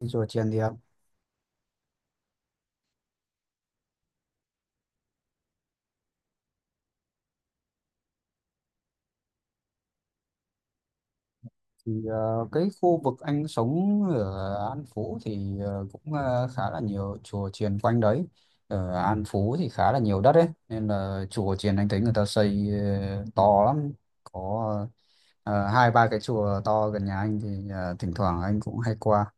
Rồi tiền thì, ạ, thì ờ, Cái khu vực anh sống ở An Phú thì cũng khá là nhiều chùa chiền quanh đấy. Ở An Phú thì khá là nhiều đất ấy, nên là chùa chiền anh thấy người ta xây to lắm. Có hai ba cái chùa to gần nhà anh thì thỉnh thoảng anh cũng hay qua.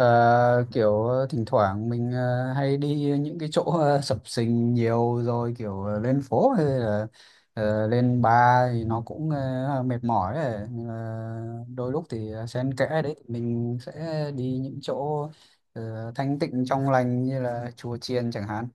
Ờ, Kiểu thỉnh thoảng mình hay đi những cái chỗ sập sình nhiều rồi, kiểu lên phố hay là lên bar thì nó cũng mệt mỏi ấy. Nhưng mà đôi lúc thì xen kẽ đấy thì mình sẽ đi những chỗ thanh tịnh trong lành như là chùa chiền chẳng hạn.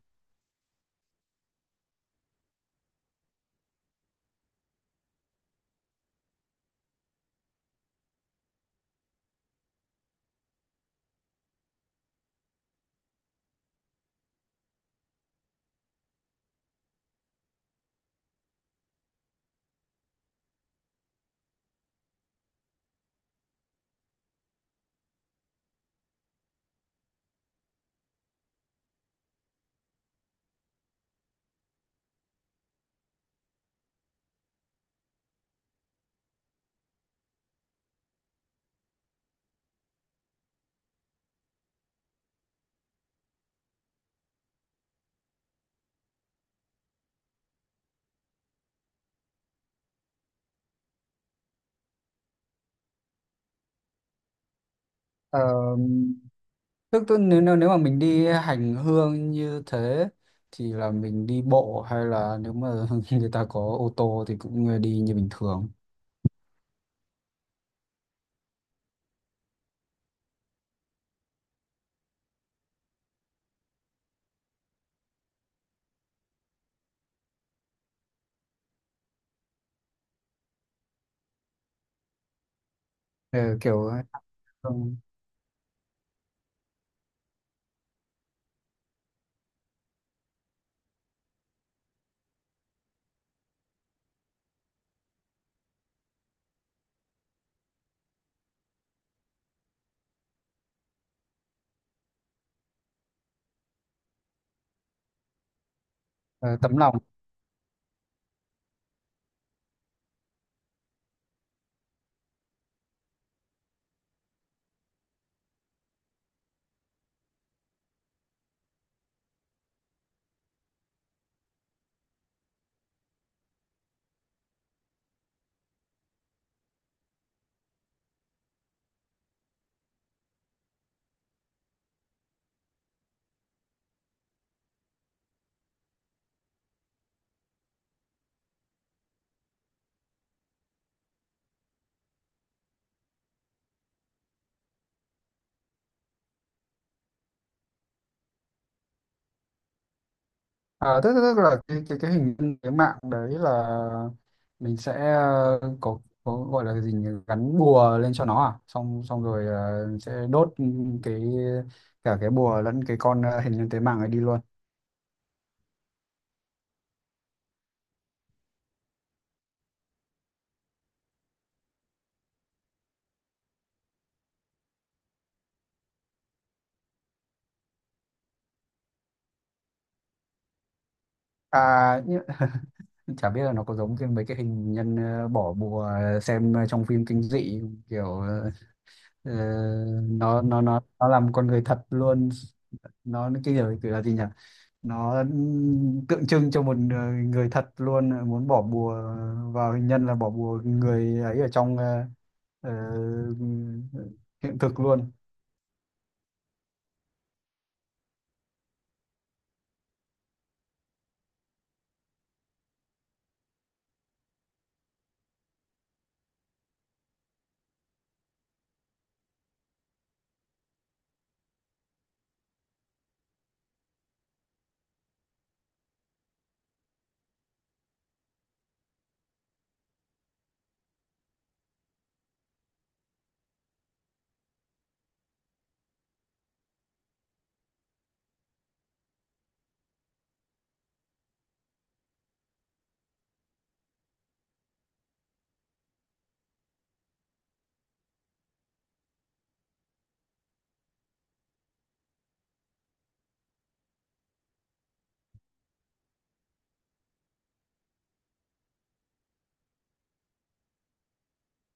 Ờ, tức nếu, nếu nếu mà mình đi hành hương như thế thì là mình đi bộ, hay là nếu mà người ta có ô tô thì cũng đi như bình thường. Ừ, kiểu. Ừ, ờ, tấm lòng. À, tức là cái hình nhân cái mạng đấy là mình sẽ có gọi là gì nhỉ? Gắn bùa lên cho nó à, xong xong rồi sẽ đốt cái, cả cái bùa lẫn cái con hình nhân tế mạng ấy đi luôn. À nhưng, chả biết là nó có giống cái mấy cái hình nhân bỏ bùa, xem trong phim kinh dị, kiểu, ờ, nó làm con người thật luôn. Nó cái kiểu kiểu là gì nhỉ? Nó tượng trưng cho một người, người thật luôn, muốn bỏ bùa vào hình nhân là bỏ bùa người ấy ở trong ờ, hiện thực luôn.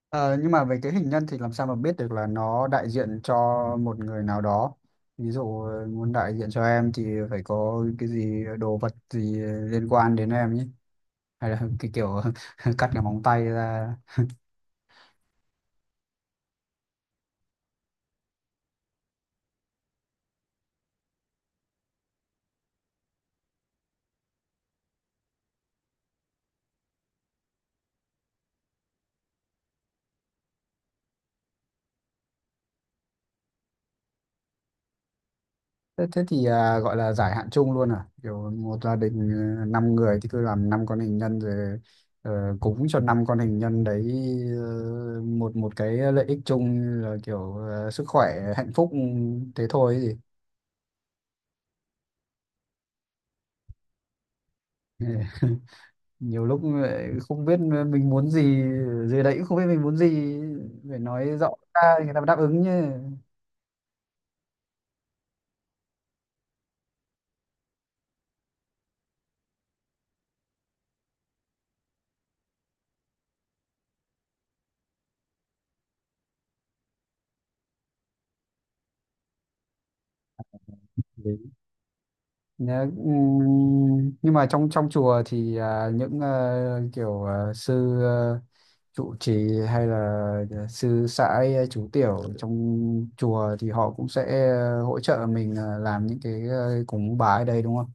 Ờ, nhưng mà về cái hình nhân thì làm sao mà biết được là nó đại diện cho một người nào đó? Ví dụ muốn đại diện cho em thì phải có cái gì, đồ vật gì liên quan đến em nhé, hay là cái kiểu cắt cái móng tay ra. Thế thì à, gọi là giải hạn chung luôn à? Kiểu một gia đình, 5 người thì cứ làm 5 con hình nhân rồi cúng cho 5 con hình nhân đấy, một một cái lợi ích chung là kiểu sức khỏe, hạnh phúc, ừ, thế thôi ấy gì. Ừ. Nhiều lúc lại không biết mình muốn gì, dưới đấy cũng không biết mình muốn gì, phải nói rõ ra thì người ta mới đáp ứng chứ. Nhá, nhưng mà trong trong chùa thì à, những kiểu sư trụ trì, hay là sư sãi, chú tiểu trong chùa thì họ cũng sẽ hỗ trợ mình làm những cái cúng bái ở đây đúng không?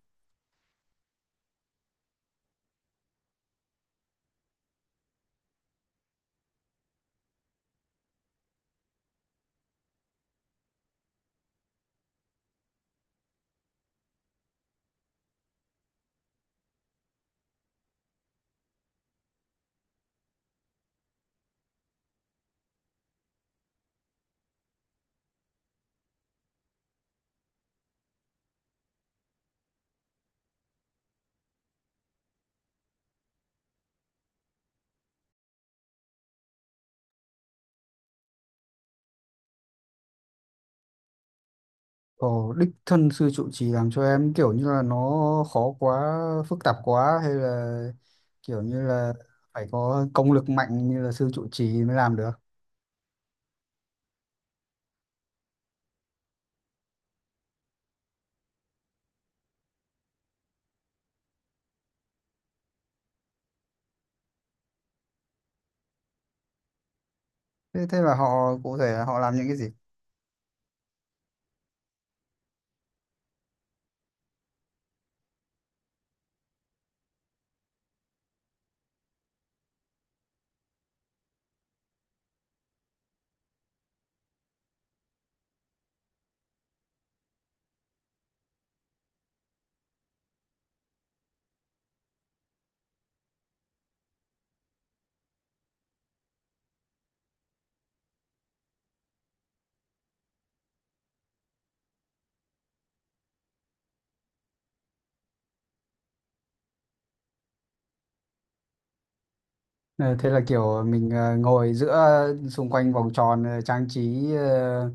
Ồ, đích thân sư trụ trì làm cho em, kiểu như là nó khó quá, phức tạp quá, hay là kiểu như là phải có công lực mạnh như là sư trụ trì mới làm được. Thế là họ cụ thể là họ làm những cái gì? Ờ, Thế là kiểu mình ngồi giữa xung quanh vòng tròn, trang trí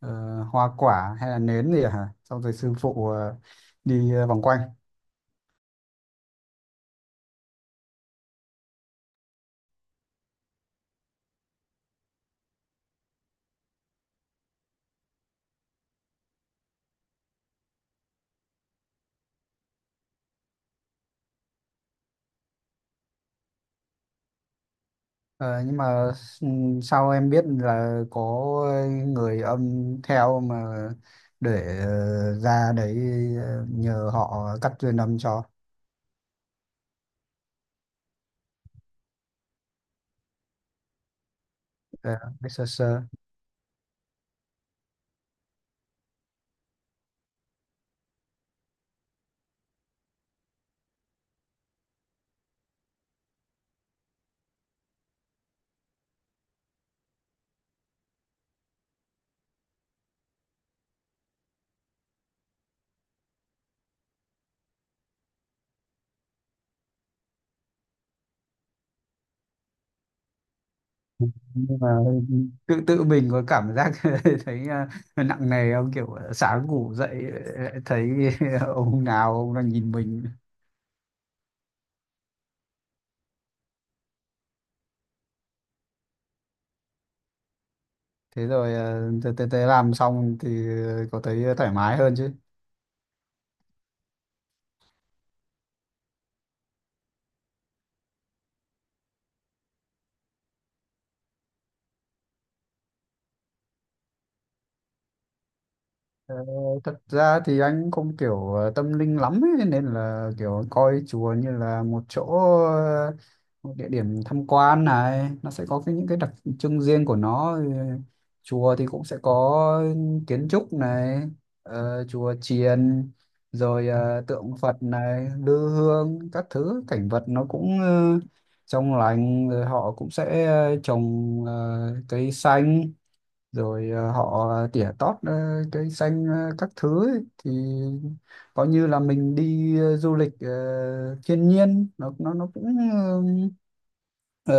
ờ, hoa quả hay là nến gì hả? Xong rồi sư phụ đi vòng quanh. Ờ, nhưng mà sao em biết là có người âm theo mà để ra đấy nhờ họ cắt duyên âm cho? Ờ, biết sơ sơ. Nhưng mà tự tự mình có cảm giác thấy à, nặng nề không? Kiểu sáng ngủ dậy lại thấy ông nào ông đang nhìn mình. Thế rồi à, từ từ từ làm xong thì có thấy thoải mái hơn chứ? Ờ, thật ra thì anh không kiểu tâm linh lắm ấy, nên là kiểu coi chùa như là một chỗ, ờ, một địa điểm tham quan này, nó sẽ có cái, những cái đặc trưng riêng của nó. Ừ, chùa thì cũng sẽ có kiến trúc này, chùa chiền, rồi tượng Phật này, lư hương các thứ, cảnh vật nó cũng trong lành, rồi họ cũng sẽ trồng cây xanh, rồi họ tỉa tót cây xanh các thứ ấy, thì coi như là mình đi du lịch thiên nhiên, nó cũng ờ,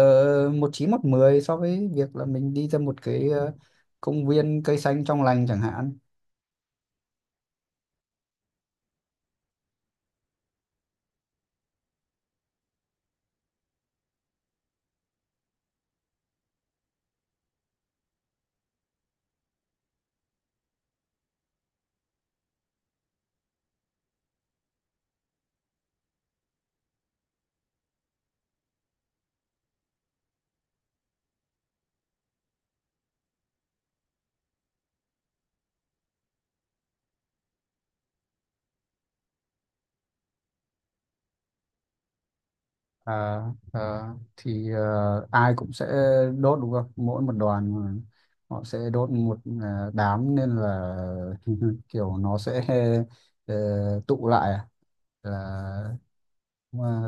một chín một mười so với việc là mình đi ra một cái công viên cây xanh trong lành chẳng hạn. Ờ, ờ, thì ai cũng sẽ đốt đúng không? Mỗi một đoàn mà họ sẽ đốt một đám, nên là kiểu nó sẽ ờ, tụ lại à? là mà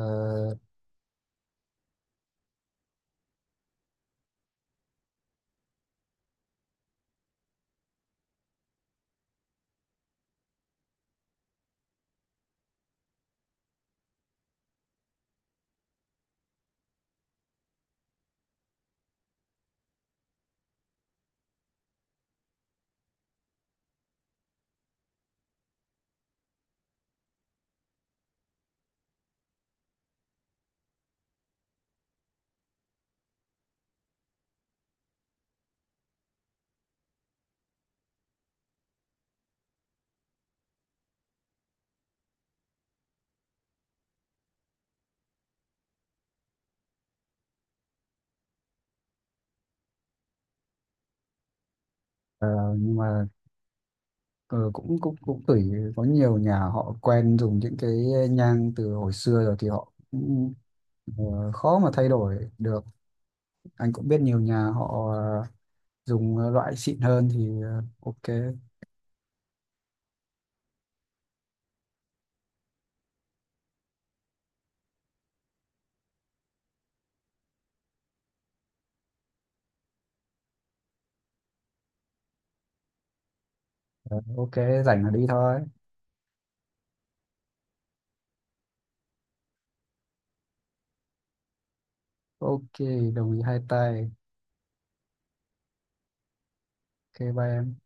ờ, nhưng mà ờ, cũng cũng cũng tùy. Có nhiều nhà họ quen dùng những cái nhang từ hồi xưa rồi thì họ cũng khó mà thay đổi được. Anh cũng biết nhiều nhà họ dùng loại xịn hơn thì ok. Ờ, ok, rảnh là đi thôi. Ok, đồng ý hai tay. Ok, bye em.